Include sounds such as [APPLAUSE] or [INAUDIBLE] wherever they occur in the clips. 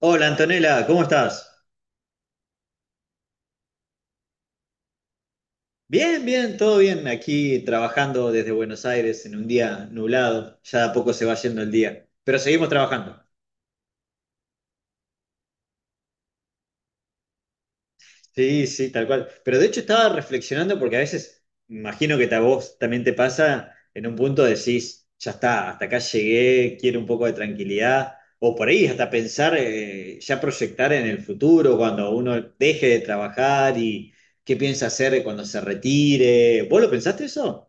Hola Antonella, ¿cómo estás? Bien, bien, todo bien. Aquí trabajando desde Buenos Aires en un día nublado. Ya de a poco se va yendo el día, pero seguimos trabajando. Sí, sí, tal cual. Pero de hecho estaba reflexionando porque a veces, imagino que a vos también te pasa, en un punto decís, ya está, hasta acá llegué, quiero un poco de tranquilidad. O por ahí hasta pensar, ya proyectar en el futuro, cuando uno deje de trabajar y qué piensa hacer cuando se retire. ¿Vos lo pensaste eso?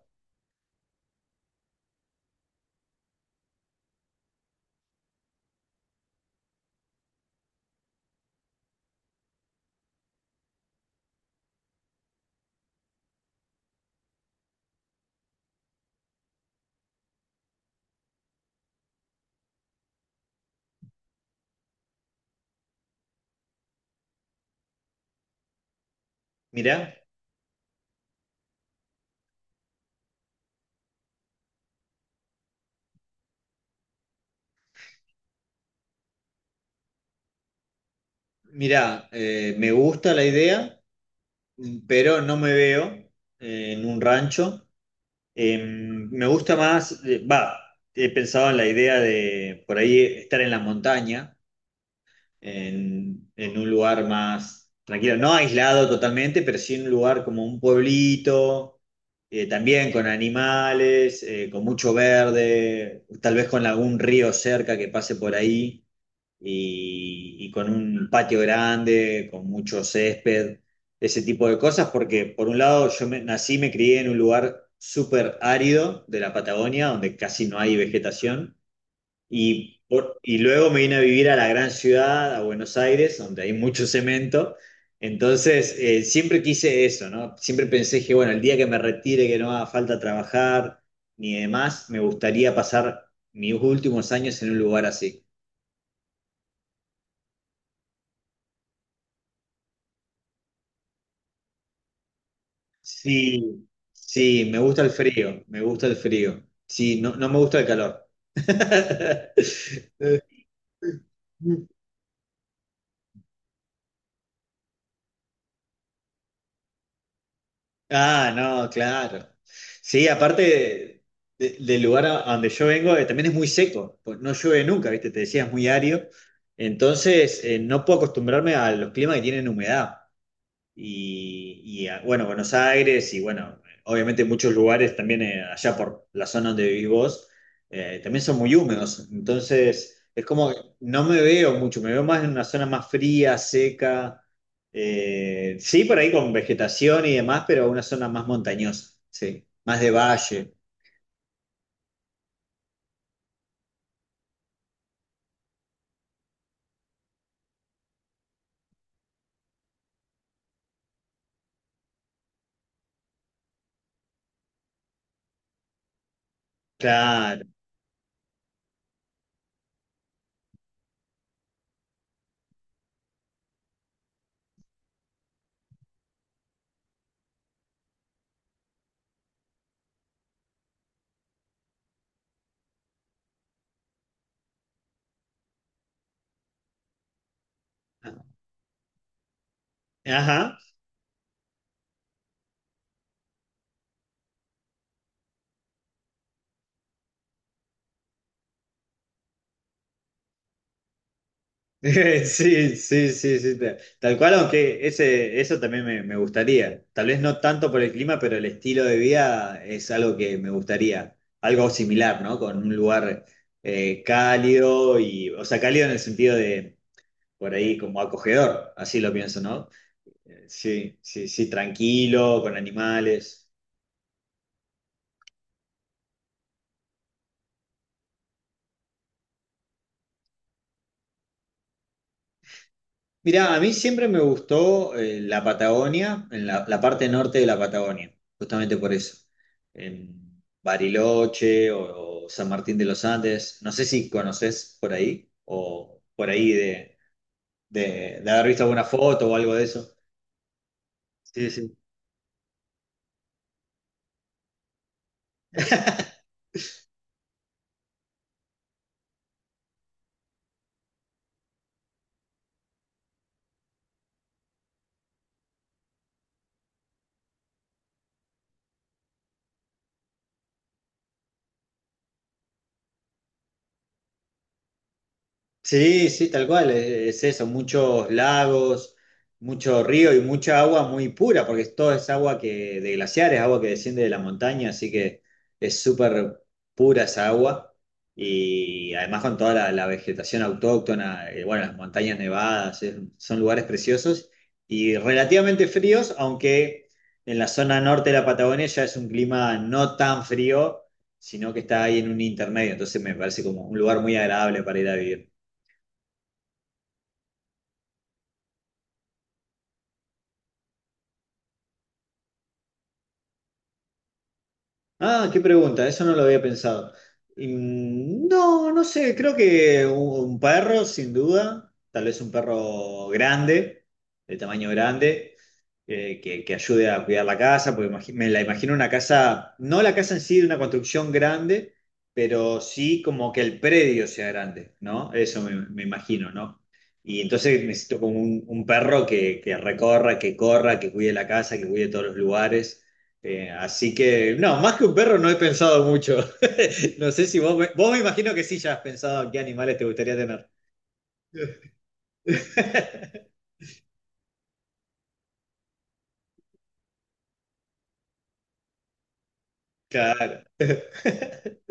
Mirá. Mirá, me gusta la idea, pero no me veo en un rancho. Eh, me gusta más, he pensado en la idea de por ahí estar en la montaña, en un lugar más tranquilo, no aislado totalmente, pero sí en un lugar como un pueblito, también con animales, con mucho verde, tal vez con algún río cerca que pase por ahí y con un patio grande, con mucho césped, ese tipo de cosas, porque por un lado nací, me crié en un lugar súper árido de la Patagonia, donde casi no hay vegetación, y luego me vine a vivir a la gran ciudad, a Buenos Aires, donde hay mucho cemento. Entonces, siempre quise eso, ¿no? Siempre pensé que, bueno, el día que me retire, que no haga falta trabajar ni demás, me gustaría pasar mis últimos años en un lugar así. Sí, sí, me gusta el frío, me gusta el frío. Sí, no, no me gusta el calor. [LAUGHS] Ah, no, claro. Sí, aparte del lugar a donde yo vengo, también es muy seco, pues no llueve nunca, ¿viste? Te decía, es muy árido. Entonces, no puedo acostumbrarme a los climas que tienen humedad. Bueno, Buenos Aires y bueno, obviamente muchos lugares también allá por la zona donde vivís vos, también son muy húmedos, entonces es como que no me veo mucho, me veo más en una zona más fría, seca, sí, por ahí con vegetación y demás, pero una zona más montañosa, sí, más de valle, claro. Ajá. [LAUGHS] Sí, sí, sí, sí, tal cual, aunque ese, eso también me gustaría. Tal vez no tanto por el clima, pero el estilo de vida es algo que me gustaría. Algo similar, ¿no? Con un lugar cálido y, o sea, cálido en el sentido de, por ahí, como acogedor, así lo pienso, ¿no? Sí, sí, sí, tranquilo, con animales. Mirá, a mí siempre me gustó la Patagonia, en la parte norte de la Patagonia, justamente por eso. En Bariloche o San Martín de los Andes, no sé si conoces por ahí o por ahí de haber visto alguna foto o algo de eso. Sí, sí. Sí, sí, tal cual, es eso, muchos lagos, mucho río y mucha agua muy pura, porque todo es agua que de glaciares, agua que desciende de la montaña, así que es súper pura esa agua y además con toda la vegetación autóctona, bueno, las montañas nevadas, son lugares preciosos y relativamente fríos, aunque en la zona norte de la Patagonia ya es un clima no tan frío, sino que está ahí en un intermedio, entonces me parece como un lugar muy agradable para ir a vivir. Ah, qué pregunta, eso no lo había pensado. Mm, no, no sé, creo que un perro, sin duda, tal vez un perro grande, de tamaño grande, que ayude a cuidar la casa, porque me la imagino una casa, no la casa en sí de una construcción grande, pero sí como que el predio sea grande, ¿no? Eso me, me imagino, ¿no? Y entonces necesito como un perro que recorra, que corra, que cuide la casa, que cuide todos los lugares. Así que, no, más que un perro no he pensado mucho. [LAUGHS] No sé si vos, vos me imagino que sí ya has pensado qué animales te gustaría tener. [LAUGHS] Claro. [LAUGHS]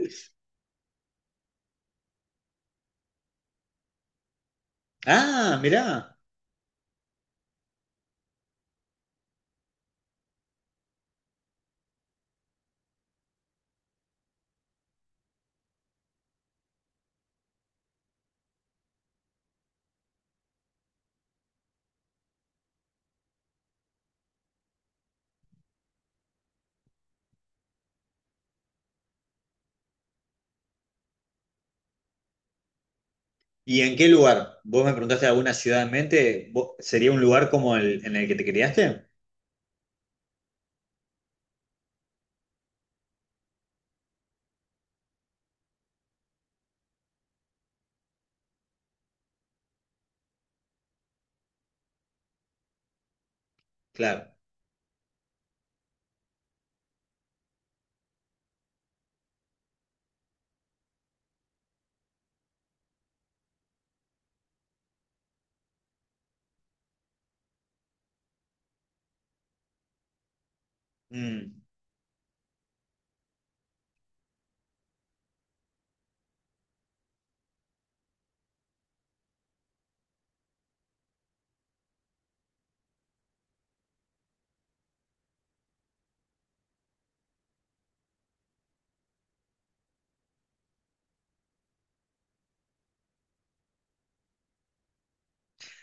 Ah, mirá. ¿Y en qué lugar? ¿Vos me preguntaste alguna ciudad en mente? ¿Sería un lugar como el en el que te criaste? Claro. Mm.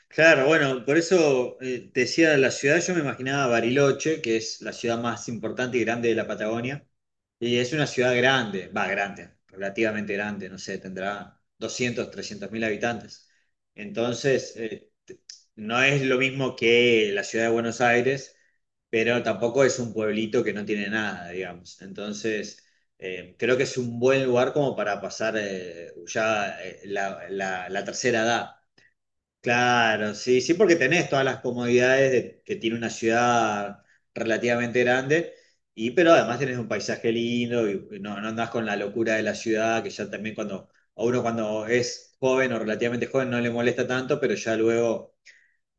Claro, bueno, por eso te decía la ciudad, yo me imaginaba Bariloche, que es la ciudad más importante y grande de la Patagonia, y es una ciudad grande, va, grande, relativamente grande, no sé, tendrá 200, 300 mil habitantes. Entonces, no es lo mismo que la ciudad de Buenos Aires, pero tampoco es un pueblito que no tiene nada, digamos. Entonces, creo que es un buen lugar como para pasar la, la tercera edad. Claro, sí, sí, porque tenés todas las comodidades que tiene una ciudad relativamente grande, y pero además tenés un paisaje lindo y no, no andás con la locura de la ciudad, que ya también cuando, a uno cuando es joven o relativamente joven no le molesta tanto, pero ya luego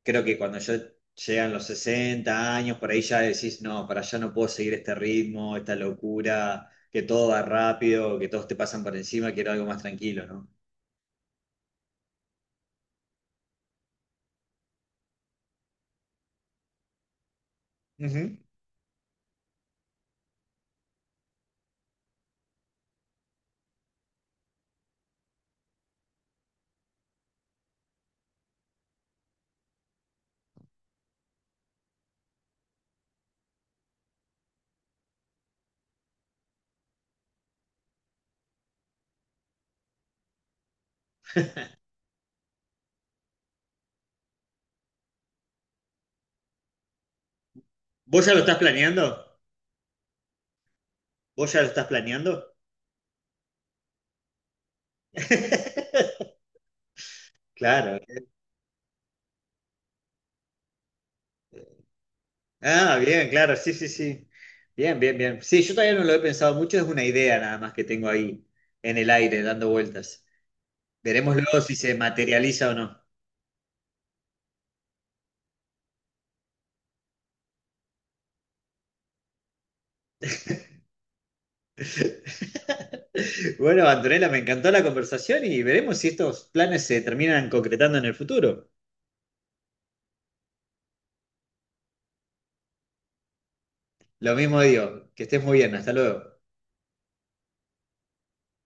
creo que cuando ya llegan los 60 años, por ahí ya decís, no, para allá no puedo seguir este ritmo, esta locura, que todo va rápido, que todos te pasan por encima, quiero algo más tranquilo, ¿no? Ujú. ¿Vos ya lo estás planeando? ¿Vos ya lo estás planeando? [LAUGHS] Claro. Ah, bien, claro, sí, sí, sí. Bien, bien, bien. Sí, yo todavía no lo he pensado mucho, es una idea nada más que tengo ahí en el aire dando vueltas. Veremos luego si se materializa o no. [LAUGHS] Bueno, Antonella, me encantó la conversación y veremos si estos planes se terminan concretando en el futuro. Lo mismo digo, que estés muy bien, hasta luego.